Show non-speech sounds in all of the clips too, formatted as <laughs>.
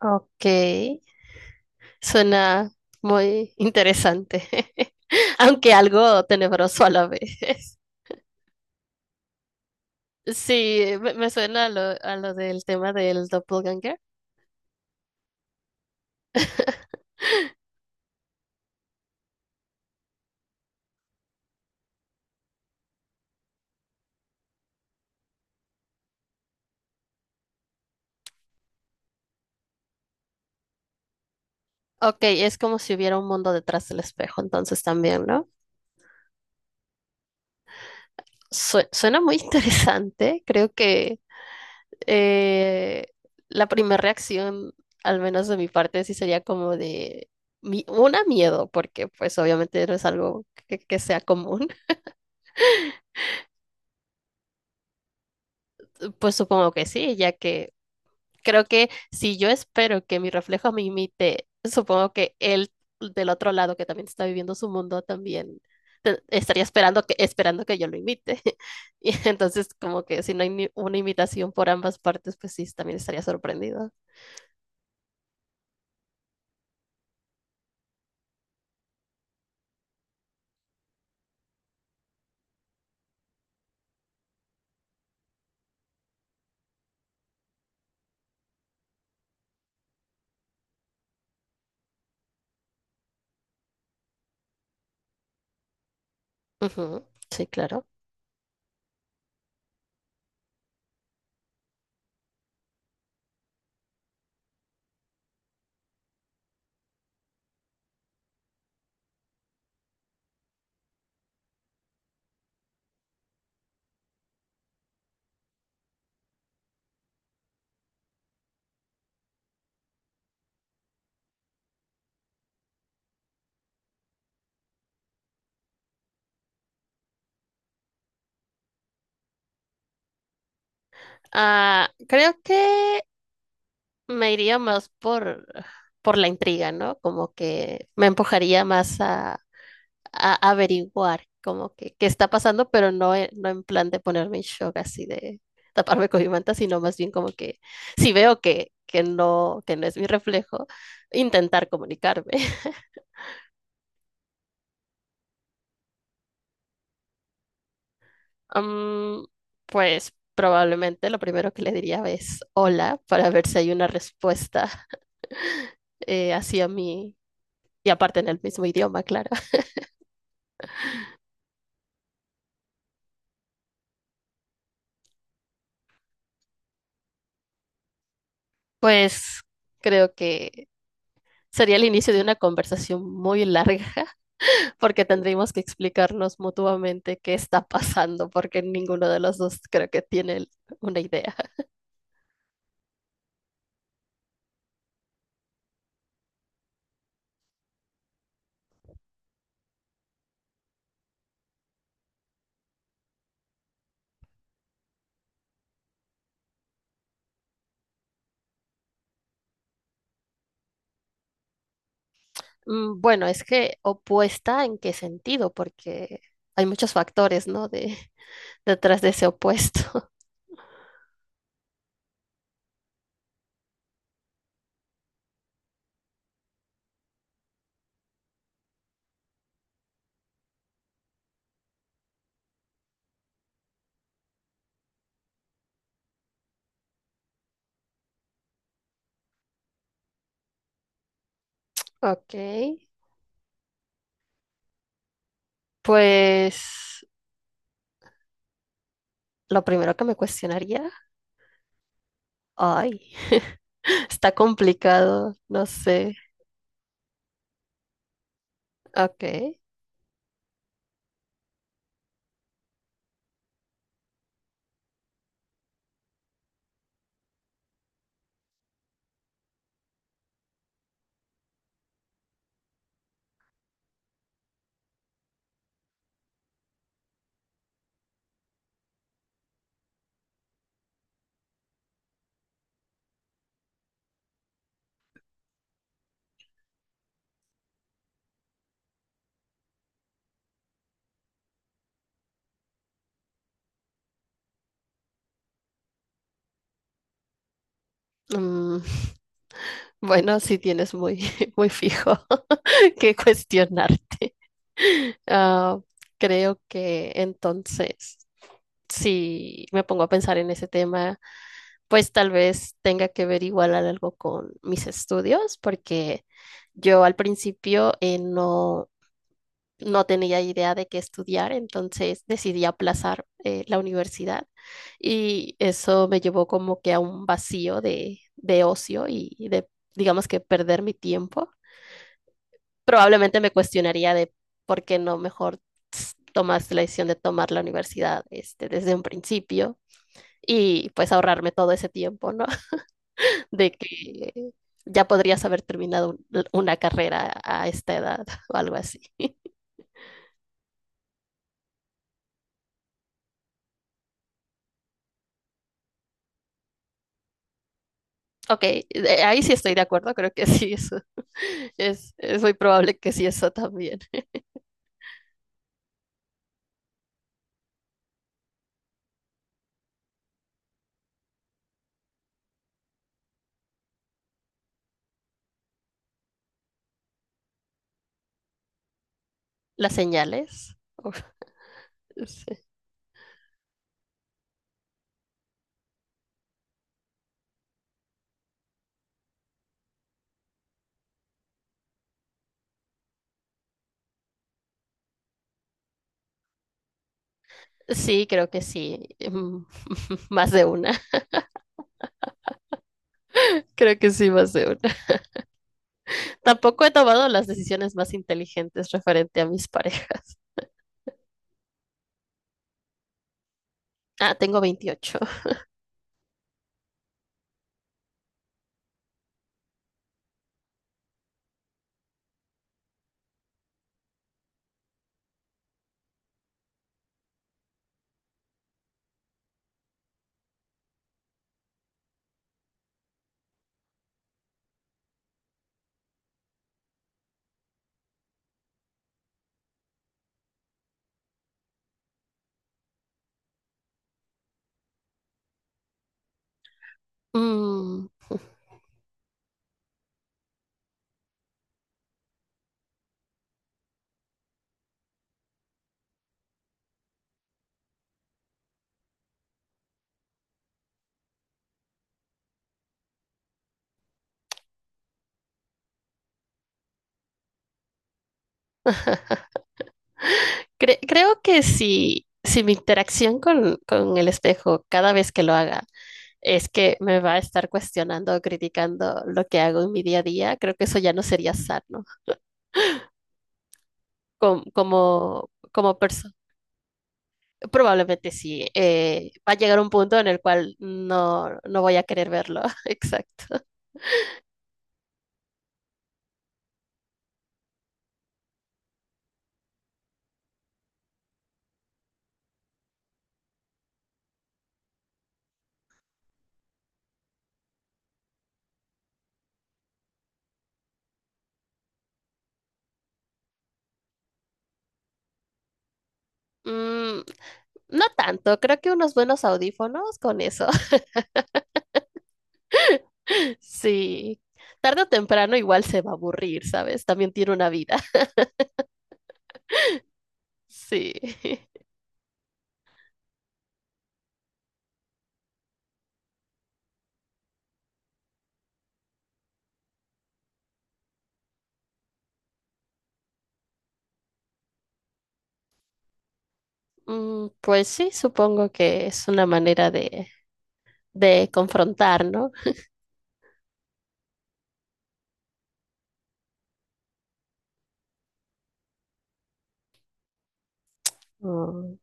Ok, suena muy interesante, <laughs> aunque algo tenebroso a la vez. <laughs> Sí, me suena a lo del tema del doppelganger. <laughs> Ok, es como si hubiera un mundo detrás del espejo, entonces también, ¿no? Suena muy <laughs> interesante. Creo que eh, la primera reacción, al menos de mi parte, sí sería como de una miedo, porque pues obviamente no es algo que sea común. Pues supongo que sí, ya que creo que si yo espero que mi reflejo me imite, supongo que él del otro lado que también está viviendo su mundo también estaría esperando que yo lo imite. <laughs> Y entonces como que si no hay ni una imitación por ambas partes, pues sí, también estaría sorprendido. Ujú. Sí, claro. Ah, creo que me iría más por la intriga, ¿no? Como que me empujaría más a averiguar como que qué está pasando, pero no, no en plan de ponerme en shock así de taparme con mi manta, sino más bien como que si veo que no es mi reflejo, intentar comunicarme. <laughs> Am, pues probablemente lo primero que le diría es hola para ver si hay una respuesta hacia mí y aparte en el mismo idioma, claro. <laughs> Pues creo que sería el inicio de una conversación muy larga porque tendríamos que explicarnos mutuamente qué está pasando, porque ninguno de los dos creo que tiene una idea. Bueno, es que opuesta en qué sentido, porque hay muchos factores, ¿no? De, detrás de ese opuesto. <laughs> Ok, pues lo primero que me cuestionaría, ay, <laughs> está complicado, no sé. Ok. mm, Bueno, sí tienes muy, <laughs> muy fijo <laughs> que cuestionarte. Ah, creo que entonces, si me pongo a pensar en ese tema, pues tal vez tenga que ver igual algo con mis estudios, porque yo al principio no tenía idea de qué estudiar, entonces decidí aplazar la universidad y eso me llevó como que a un vacío de ocio y de, digamos que perder mi tiempo. Probablemente me cuestionaría de por qué no mejor tomaste la decisión de tomar la universidad este, desde un principio y pues ahorrarme todo ese tiempo, ¿no? <laughs> De que ya podrías haber terminado una carrera a esta edad <laughs> o algo así. Ok, ahí sí estoy de acuerdo, creo que sí, eso <laughs> es muy probable que sí, eso también. <laughs> Las señales. Uf, sí. Sí, creo que sí, mm, <laughs> más de una, <laughs> creo que sí, más de una. <laughs> Tampoco he tomado las decisiones más inteligentes referente a mis parejas. Ah, tengo 28. Mm, <laughs> Creo que si mi interacción con el espejo cada vez que lo haga es que me va a estar cuestionando o criticando lo que hago en mi día a día, creo que eso ya no sería sano como persona. Probablemente sí. Va a llegar un punto en el cual no, no voy a querer verlo. <laughs> Exacto. Mm, no tanto. Creo que unos buenos audífonos con eso. <laughs> Sí. Tarde o temprano igual se va a aburrir, ¿sabes? También tiene una vida. <laughs> Sí. Mm, pues sí, supongo que es una manera de confrontar, ¿no? Mm,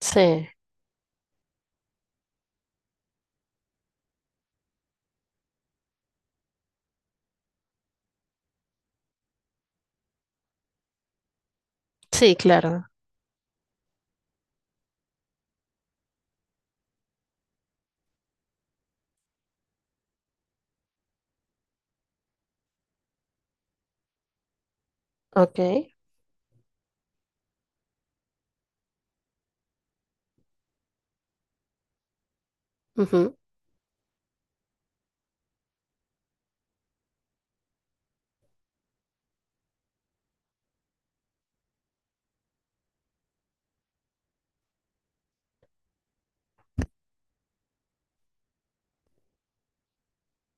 sí, sí, claro. Ok. Ujú.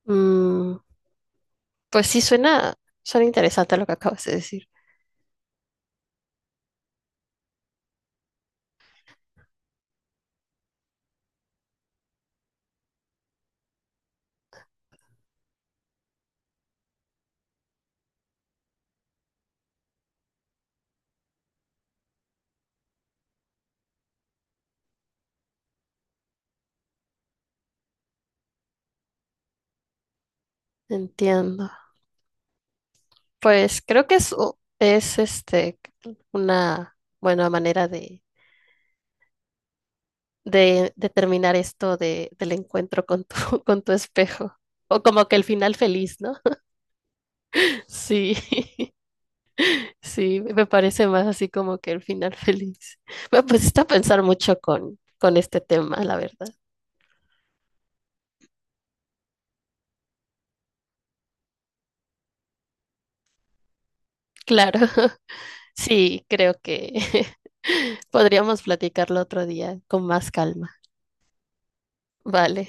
Mm, pues sí, suena, suena interesante lo que acabas de decir. Entiendo. Pues creo que es, es este, una buena manera de de terminar esto de, del encuentro con tu, <laughs> con tu espejo. O como que el final feliz, ¿no? <laughs> Sí. Sí, me parece más así como que el final <laughs> feliz. Me pusiste a pensar mucho con este tema, la verdad. Claro, <laughs> sí, creo que <laughs> podríamos platicarlo otro día con más calma. Vale.